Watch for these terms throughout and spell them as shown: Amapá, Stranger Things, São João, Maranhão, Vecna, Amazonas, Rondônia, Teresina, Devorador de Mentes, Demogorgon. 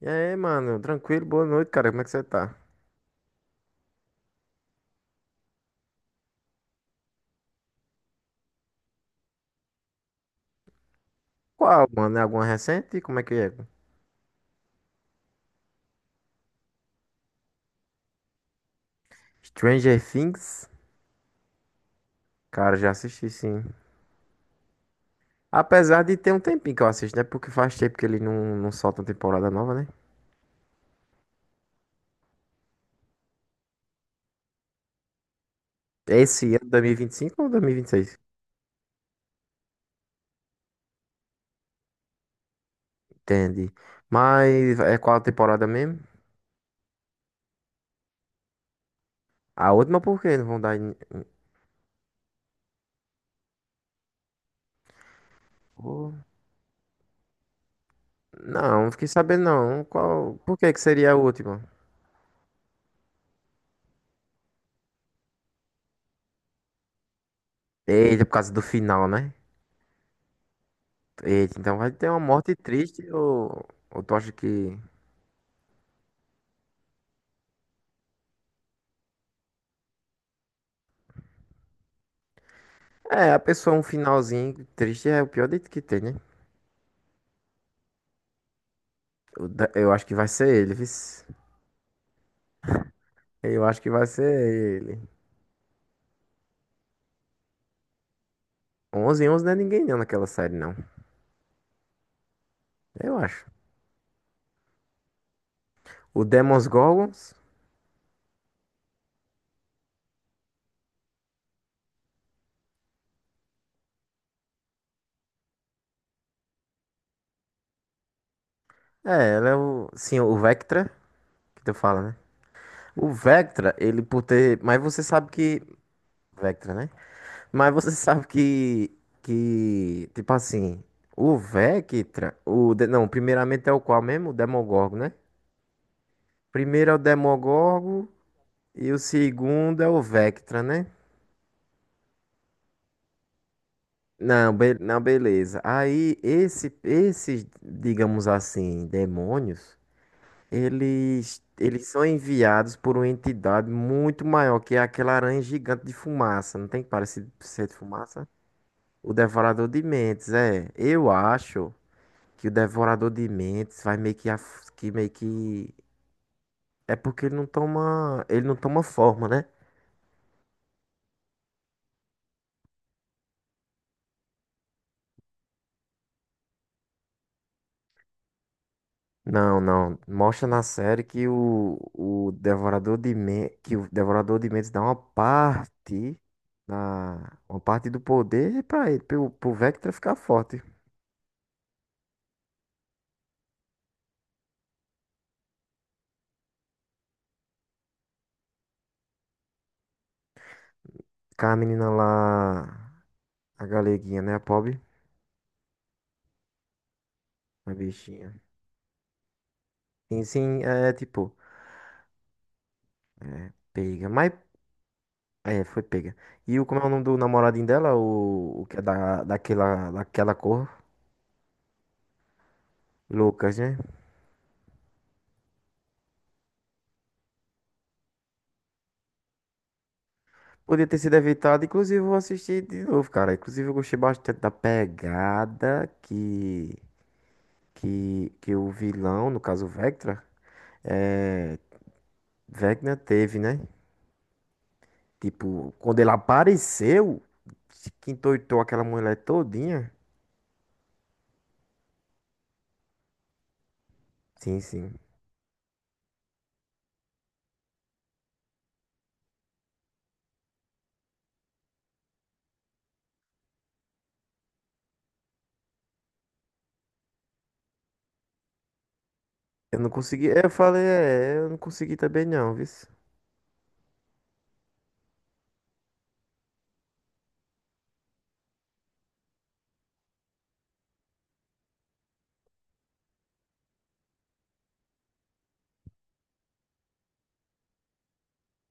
E aí, mano? Tranquilo? Boa noite, cara. Como é que você tá? Qual, mano? É alguma recente? Como é que é? Stranger Things? Cara, já assisti sim. Apesar de ter um tempinho que eu assisto, né? Porque faz tempo que ele não solta uma temporada nova, né? Esse ano, 2025 ou 2026? Entendi. Mas é qual a temporada mesmo? A última por quê? Não vão dar. Ô, Não fiquei sabendo não. Qual. Por que que seria a última? Eita, por causa do final, né? Eita, então vai ter uma morte triste, ou tu acha que. É, a pessoa um finalzinho triste é o pior dito que tem, né? Eu acho que vai ser ele, vice. Eu acho que vai ser ele. Onze, e 11 não é ninguém não naquela série, não. Eu acho. O Demons Gorgons. É, ela é o. Sim, o Vectra, que tu fala, né? O Vectra, ele por ter. Mas você sabe que. Vectra, né? Mas você sabe que. Que. Tipo assim. O Vectra. Não, primeiramente é o qual mesmo? O Demogorgon, né? Primeiro é o Demogorgon. E o segundo é o Vectra, né? Não, não, beleza. Aí esse, esses, digamos assim, demônios, eles são enviados por uma entidade muito maior, que é aquela aranha gigante de fumaça. Não tem parecido ser de fumaça? O Devorador de Mentes, é. Eu acho que o Devorador de Mentes vai meio que, que meio que é porque ele não toma forma, né? Não, não. Mostra na série que o Devorador que o Devorador de Mentes dá uma parte da uma parte do poder pra ele, pro Vectra ficar forte. Ficar a menina lá, a galeguinha, né, a pobre, a bichinha. Sim, sim, é tipo, pega, mas é, foi pega. E o como é o nome do namoradinho dela, o que é daquela daquela cor, Lucas, né? Podia ter sido evitado, inclusive eu vou assistir de novo, cara. Inclusive eu gostei bastante da pegada que o vilão, no caso o Vectra, é, Vecna teve, né? Tipo, quando ele apareceu, que endoidou aquela mulher todinha. Sim, sim. Eu não consegui, eu falei, é, eu não consegui também não, viu?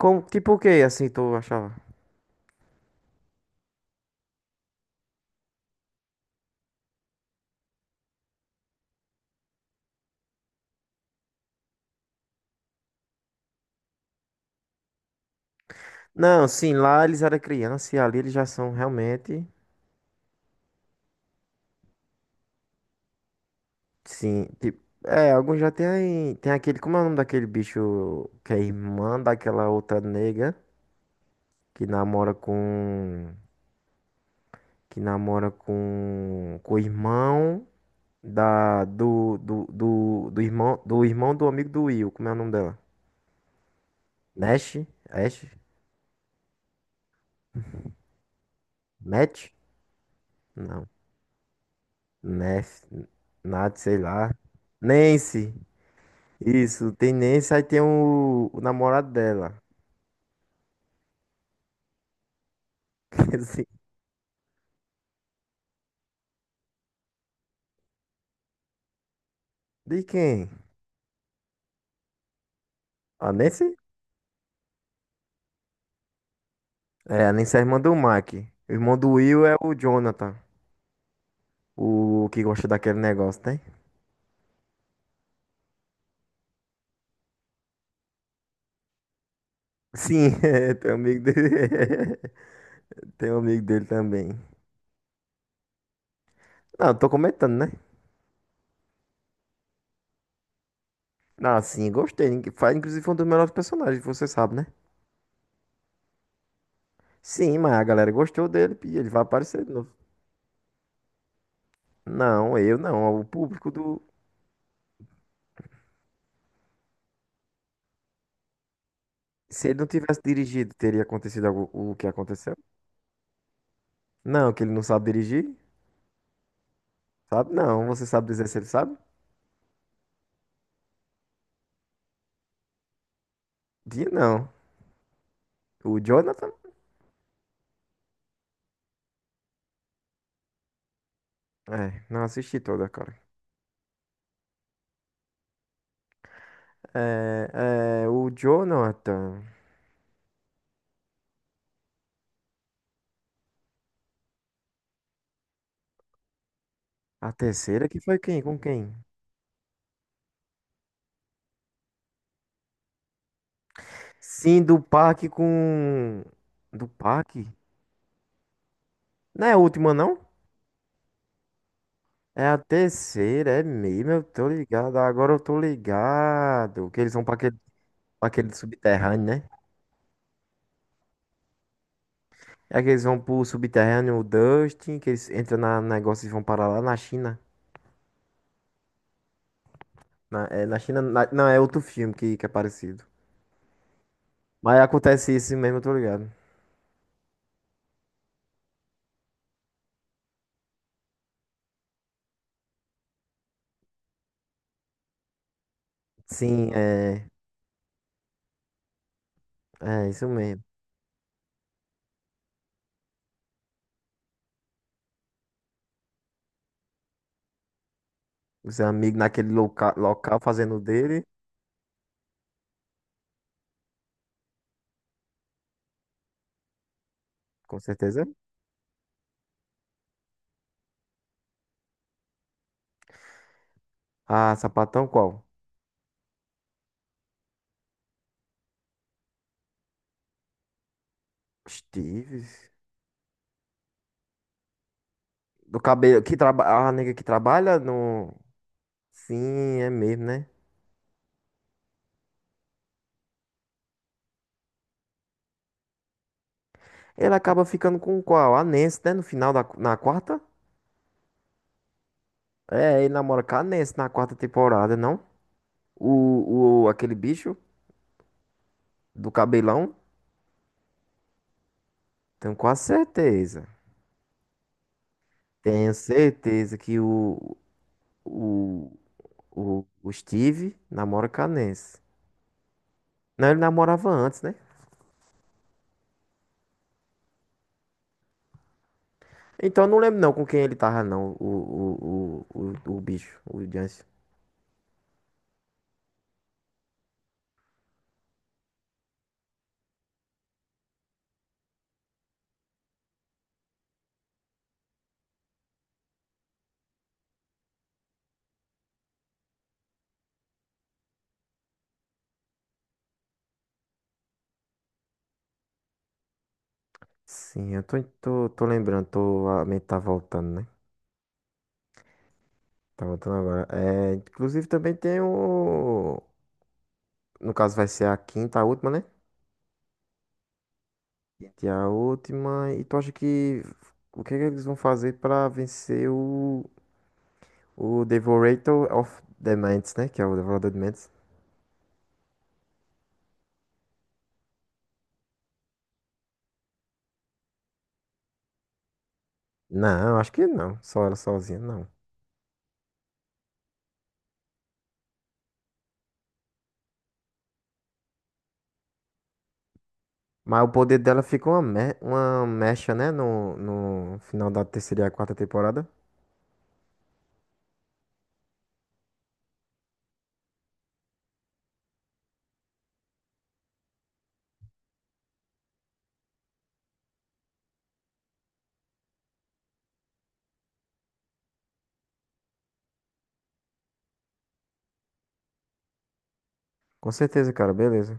Como, tipo o quê, assim, tu achava? Não, sim, lá eles eram criança e ali eles já são realmente. Sim, tipo, é, alguns já tem, tem aquele, como é o nome daquele bicho que é irmã daquela outra nega que namora com, que namora com o irmão da, do, do, do, do irmão, do irmão do amigo do Will, como é o nome dela? Nash? Ash? Matt? Não, Ness, Nath, sei lá. Nancy, isso, tem Nancy, aí tem o namorado dela. Assim, de quem? A Nancy? É, a Anissa é a irmã do Mac. O irmão do Will é o Jonathan, o que gosta daquele negócio, tem? Sim, é, tem um amigo dele. Tem um amigo dele também. Não, eu tô comentando, né? Ah, sim, gostei. Ningu- Faz, inclusive, foi um dos melhores personagens, você sabe, né? Sim, mas a galera gostou dele e ele vai aparecer de novo. Não, eu não. O público do. Se ele não tivesse dirigido, teria acontecido o que aconteceu? Não, que ele não sabe dirigir? Sabe? Não. Você sabe dizer se ele sabe? Dia não. O Jonathan? É, não assisti toda, cara. O Jonathan. A terceira que foi quem? Com quem? Sim, do parque com. Do parque? Não é a última, não? É a terceira, é mesmo. Eu tô ligado. Agora eu tô ligado. Que eles vão pra aquele subterrâneo, né? É que eles vão pro subterrâneo, o Dustin, que eles entram na no negócio e vão parar lá na China. Na, é, na China. Não, é outro filme que é parecido. Mas acontece isso mesmo, eu tô ligado. Sim, é. É, isso mesmo. Os amigos naquele loca local fazendo o dele, com certeza. Ah, sapatão qual? Steves. Do cabelo que trabalha. A nega que trabalha no. Sim, é mesmo, né? Ele acaba ficando com qual? A Nancy, né? No final da na quarta? É, ele namora com a Nancy na quarta temporada, não? Aquele bicho do cabelão? Tenho quase certeza. Tenho certeza que o, o Steve namora com a Nancy. Não, ele namorava antes, né? Então eu não lembro não com quem ele tava, não, o bicho, o Jansen. Sim, eu tô lembrando, tô, a mente tá voltando, né? Tá voltando agora. É, inclusive também tem o. No caso vai ser a quinta, a última, né? Quinta e a última. E tu acha que. O que é que eles vão fazer pra vencer o. O Devorator of the Mentes, né? Que é o Devorador de Mentes. Não, acho que não. Só ela sozinha, não. Mas o poder dela fica uma, uma mecha, né? No, no final da terceira e a quarta temporada. Com certeza, cara, beleza.